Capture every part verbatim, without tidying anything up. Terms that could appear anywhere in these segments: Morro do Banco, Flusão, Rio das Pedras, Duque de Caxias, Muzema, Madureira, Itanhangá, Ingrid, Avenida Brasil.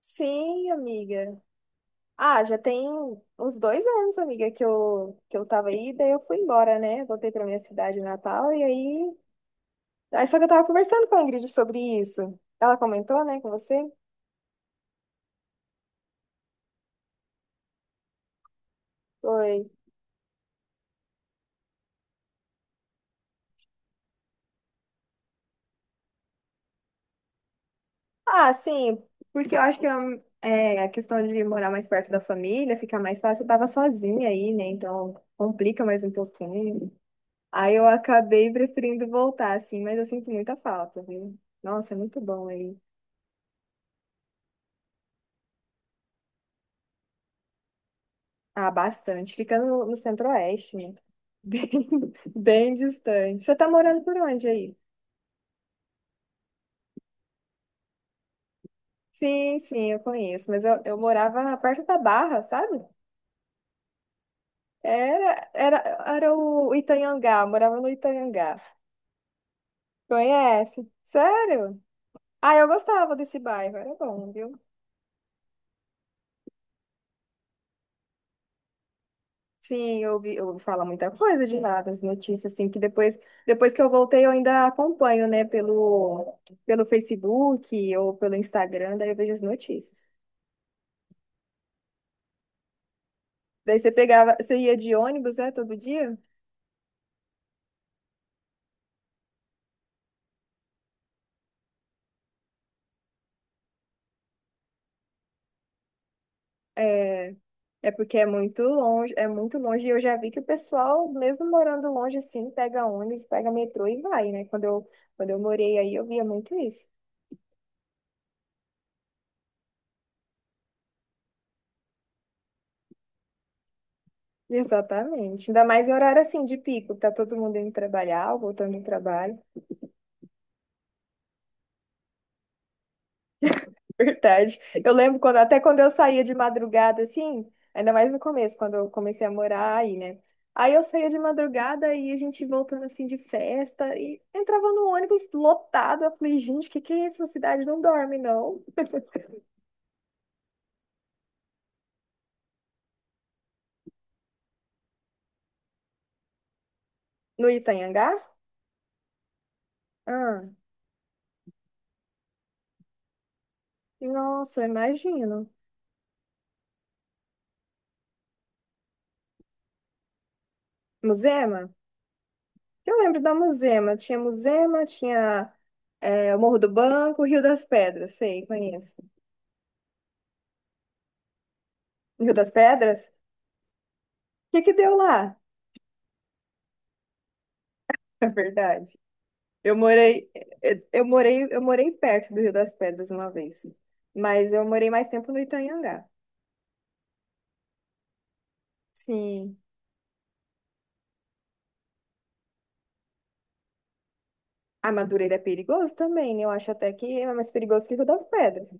Sim, amiga. Ah, já tem uns dois anos, amiga, que eu, que eu tava aí, daí eu fui embora, né? Voltei pra minha cidade natal e aí. Aí só que eu tava conversando com a Ingrid sobre isso. Ela comentou, né, com você? Foi. Ah, sim, porque eu acho que eu- é, a questão de morar mais perto da família fica mais fácil. Eu tava sozinha aí, né? Então complica mais um pouquinho. Aí eu acabei preferindo voltar, assim, mas eu sinto muita falta, viu? Nossa, é muito bom aí. Ah, bastante. Fica no, no centro-oeste, né? Bem, bem distante. Você tá morando por onde aí? Sim, sim, eu conheço. Mas eu, eu morava perto da Barra, sabe? Era, era, era o Itanhangá, eu morava no Itanhangá. Conhece? Sério? Ah, eu gostava desse bairro, era bom, viu? Sim, eu ouvi, eu ouvi falar muita coisa de lá, das notícias, assim, que depois, depois que eu voltei eu ainda acompanho, né, pelo, pelo Facebook ou pelo Instagram, daí eu vejo as notícias. Daí você pegava, você ia de ônibus, é, todo dia? É, é porque é muito longe, é muito longe. E eu já vi que o pessoal, mesmo morando longe assim, pega ônibus, pega metrô e vai, né? Quando eu, quando eu morei aí, eu via muito isso. Exatamente. Ainda mais em horário assim de pico, tá todo mundo indo trabalhar, ou voltando do trabalho. Verdade. Eu lembro quando, até quando eu saía de madrugada, assim, ainda mais no começo, quando eu comecei a morar aí, né? Aí eu saía de madrugada e a gente voltando assim de festa e entrava no ônibus lotado. Eu falei, gente, o que que é isso? A cidade não dorme, não. No Itanhangá? Ah, nossa, eu imagino. Muzema? Eu lembro da Muzema. Tinha Muzema, tinha é, o Morro do Banco, Rio das Pedras. Sei, conheço. Rio das Pedras? O que que deu lá? É verdade. Eu morei, eh, eu morei, eu morei perto do Rio das Pedras uma vez, mas eu morei mais tempo no Itanhangá. Sim. A Madureira é perigoso também, eu acho até que é mais perigoso que o Rio das Pedras.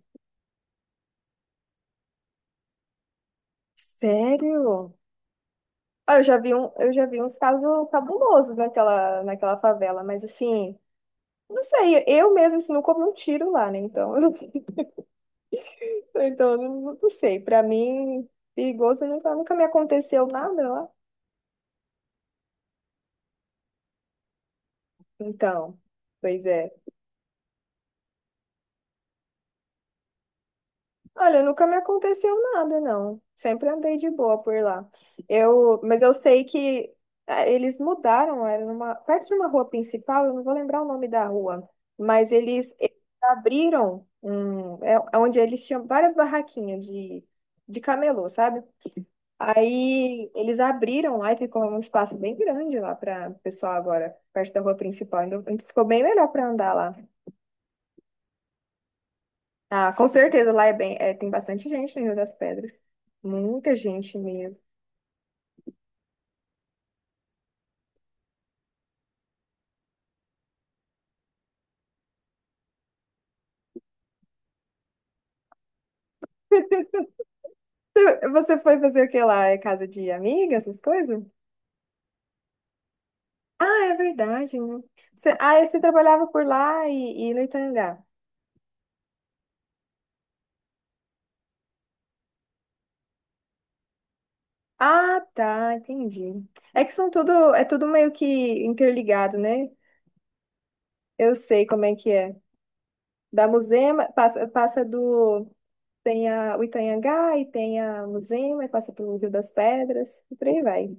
Sério? Ah, Eu já vi um, eu já vi uns casos cabulosos naquela, naquela favela, mas assim, não sei, eu mesmo assim, nunca ouvi um tiro lá, né? Então, então eu não, não sei. Pra mim, perigoso nunca, nunca me aconteceu nada lá. Então, pois é. Olha, nunca me aconteceu nada, não. Sempre andei de boa por lá. Eu, mas eu sei que ah, eles mudaram, era numa, perto de uma rua principal, eu não vou lembrar o nome da rua, mas eles, eles abriram um, é, é onde eles tinham várias barraquinhas de, de camelô, sabe? Aí eles abriram lá e ficou um espaço bem grande lá para o pessoal agora, perto da rua principal. Então, ficou bem melhor para andar lá. Ah, com certeza, lá é bem, é, tem bastante gente no Rio das Pedras. Muita gente mesmo. Você você foi fazer o que lá? É casa de amiga, essas coisas? Ah, é verdade, né? Você, ah, e você trabalhava por lá e, e no Itangá. Ah, tá, entendi. É que são tudo, é tudo meio que interligado, né? Eu sei como é que é. Da Muzema, passa, passa do... Tem a, o Itanhangá e tem a Muzema, e passa pelo Rio das Pedras, e por aí vai.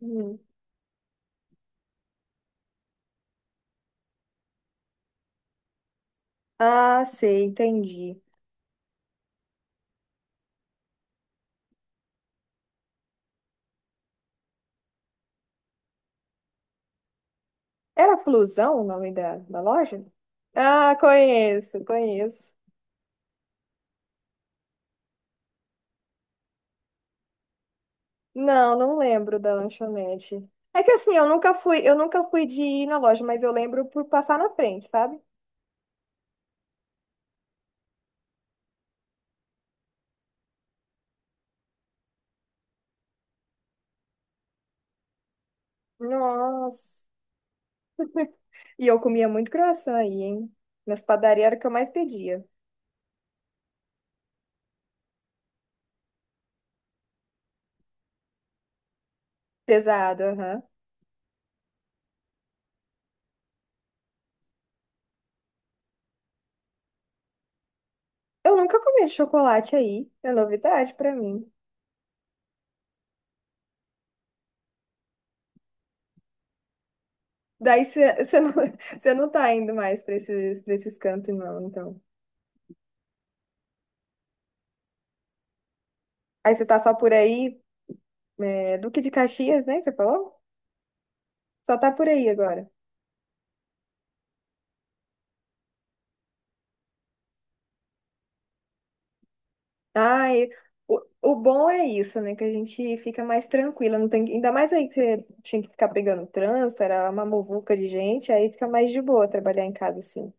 Hum. Ah, sei, entendi. Era Flusão o nome da, da loja? Ah, conheço, conheço. Não, não lembro da lanchonete. É que assim, eu nunca fui, eu nunca fui de ir na loja, mas eu lembro por passar na frente, sabe? Nossa. E eu comia muito croissant aí, hein? Nas padarias era o que eu mais pedia. Pesado, aham. Eu nunca comi chocolate aí. É novidade pra mim. Daí você não, cê não tá indo mais pra esses, pra esses cantos, não, então. Aí você tá só por aí, é, Duque de Caxias, né? que Você falou? Só tá por aí agora. Ai, o, o bom é isso, né? Que a gente fica mais tranquila, não tem, que- ainda mais aí que você tinha que ficar pegando trânsito, era uma muvuca de gente, aí fica mais de boa trabalhar em casa, assim.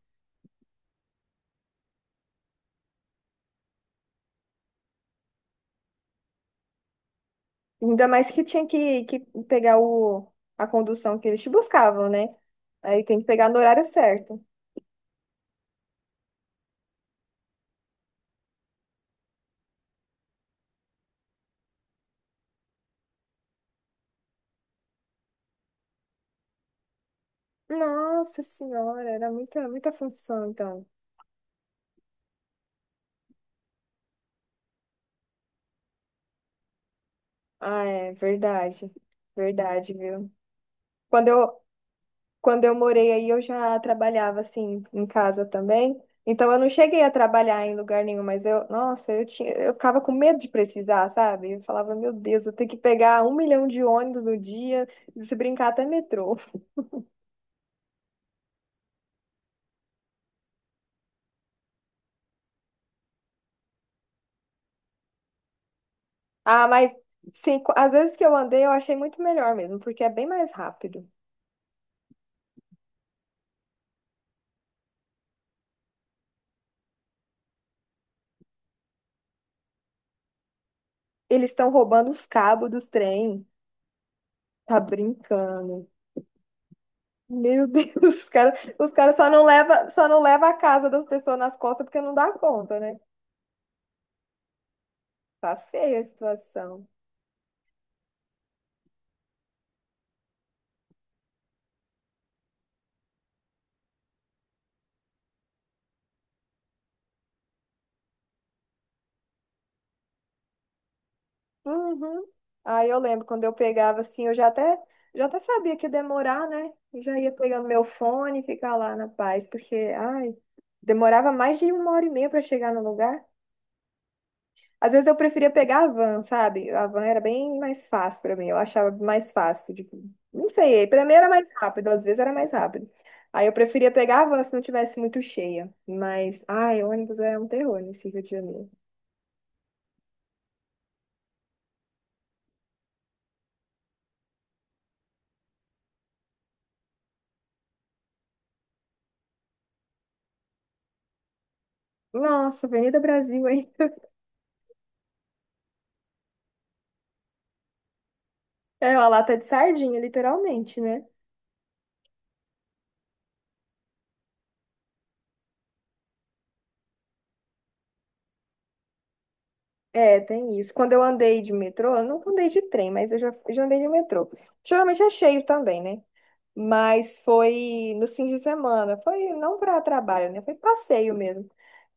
Ainda mais que tinha que, que pegar o, a condução que eles te buscavam, né? Aí tem que pegar no horário certo. Nossa senhora, era muita, muita função, então. Ah, é verdade. Verdade, viu? Quando eu, Quando eu morei aí, eu já trabalhava assim em casa também. Então eu não cheguei a trabalhar em lugar nenhum, mas eu, nossa, eu tinha, eu ficava com medo de precisar, sabe? Eu falava, meu Deus, eu tenho que pegar um milhão de ônibus no dia, se brincar até metrô. Ah, mas sim, co- às vezes que eu andei, eu achei muito melhor mesmo, porque é bem mais rápido. Eles estão roubando os cabos dos trem. Tá brincando. Meu Deus, os caras, os caras só não leva, só não leva a casa das pessoas nas costas porque não dá conta, né? Tá feia a situação. Uhum. Aí eu lembro quando eu pegava assim, eu já até, já até sabia que ia demorar, né? E já ia pegando meu fone e ficar lá na paz, porque, ai, demorava mais de uma hora e meia para chegar no lugar. Às vezes eu preferia pegar a van, sabe? A van era bem mais fácil para mim, eu achava mais fácil, tipo, não sei, para mim era mais rápido, às vezes era mais rápido. Aí eu preferia pegar a van se não tivesse muito cheia, mas, ai, ônibus é um terror nesse Rio de Janeiro. Nossa, Avenida Brasil, hein? É uma lata de sardinha, literalmente, né? É, tem isso. Quando eu andei de metrô, eu nunca andei de trem, mas eu já, já andei de metrô. Geralmente é cheio também, né? Mas foi no fim de semana. Foi não para trabalho, né? Foi passeio mesmo.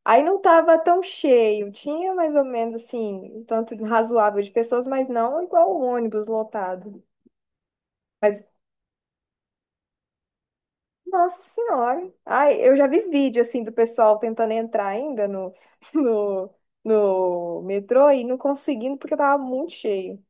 Aí não tava tão cheio. Tinha mais ou menos, assim, um tanto razoável de pessoas, mas não igual o ônibus lotado. Mas nossa senhora. Ai, eu já vi vídeo assim do pessoal tentando entrar ainda no, no, no metrô e não conseguindo porque tava muito cheio.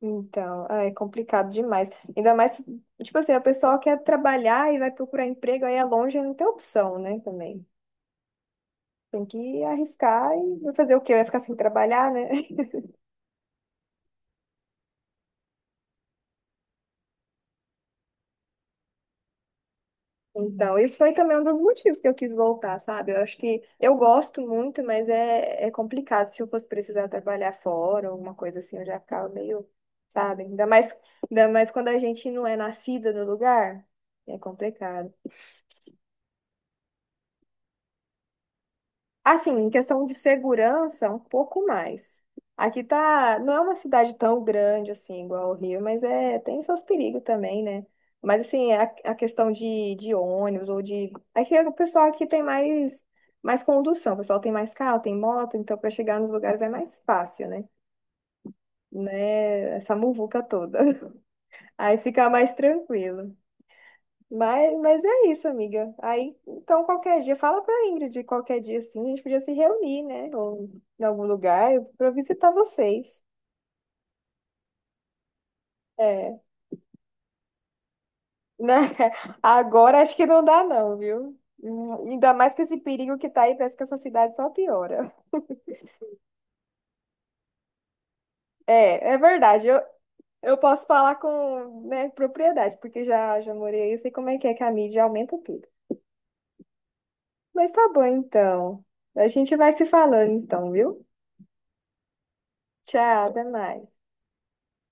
Então, ai, é complicado demais. Ainda mais, se- tipo assim, a pessoa quer trabalhar e vai procurar emprego, aí é longe, não tem opção, né, também. Tem que arriscar e vai fazer o quê? Vai ficar sem trabalhar, né? Então, isso foi também um dos motivos que eu quis voltar, sabe? Eu acho que eu gosto muito, mas é, é complicado. Se eu fosse precisar trabalhar fora, alguma coisa assim, eu já ficava meio, sabe? Ainda mais, ainda mais quando a gente não é nascida no lugar, é complicado. Assim, em questão de segurança, um pouco mais. Aqui tá, não é uma cidade tão grande assim, igual o Rio, mas é, tem seus perigos também, né? Mas assim, a, a questão de, de ônibus ou de. Aqui é o pessoal aqui tem mais, mais condução, o pessoal tem mais carro, tem moto, então para chegar nos lugares é mais fácil, né? Né? Essa muvuca toda. Aí fica mais tranquilo. Mas, mas é isso, amiga. Aí, então, qualquer dia, fala pra Ingrid, qualquer dia assim, a gente podia se reunir, né? Ou, em algum lugar pra eu visitar vocês. É, né? Agora acho que não dá, não, viu? Hum, Ainda mais que esse perigo que tá aí, parece que essa cidade só piora. É, é verdade. Eu, eu posso falar com, né, propriedade, porque já, já morei aí, eu sei como é que é que a mídia aumenta tudo. Mas tá bom, então. A gente vai se falando, então, viu? Tchau, até mais.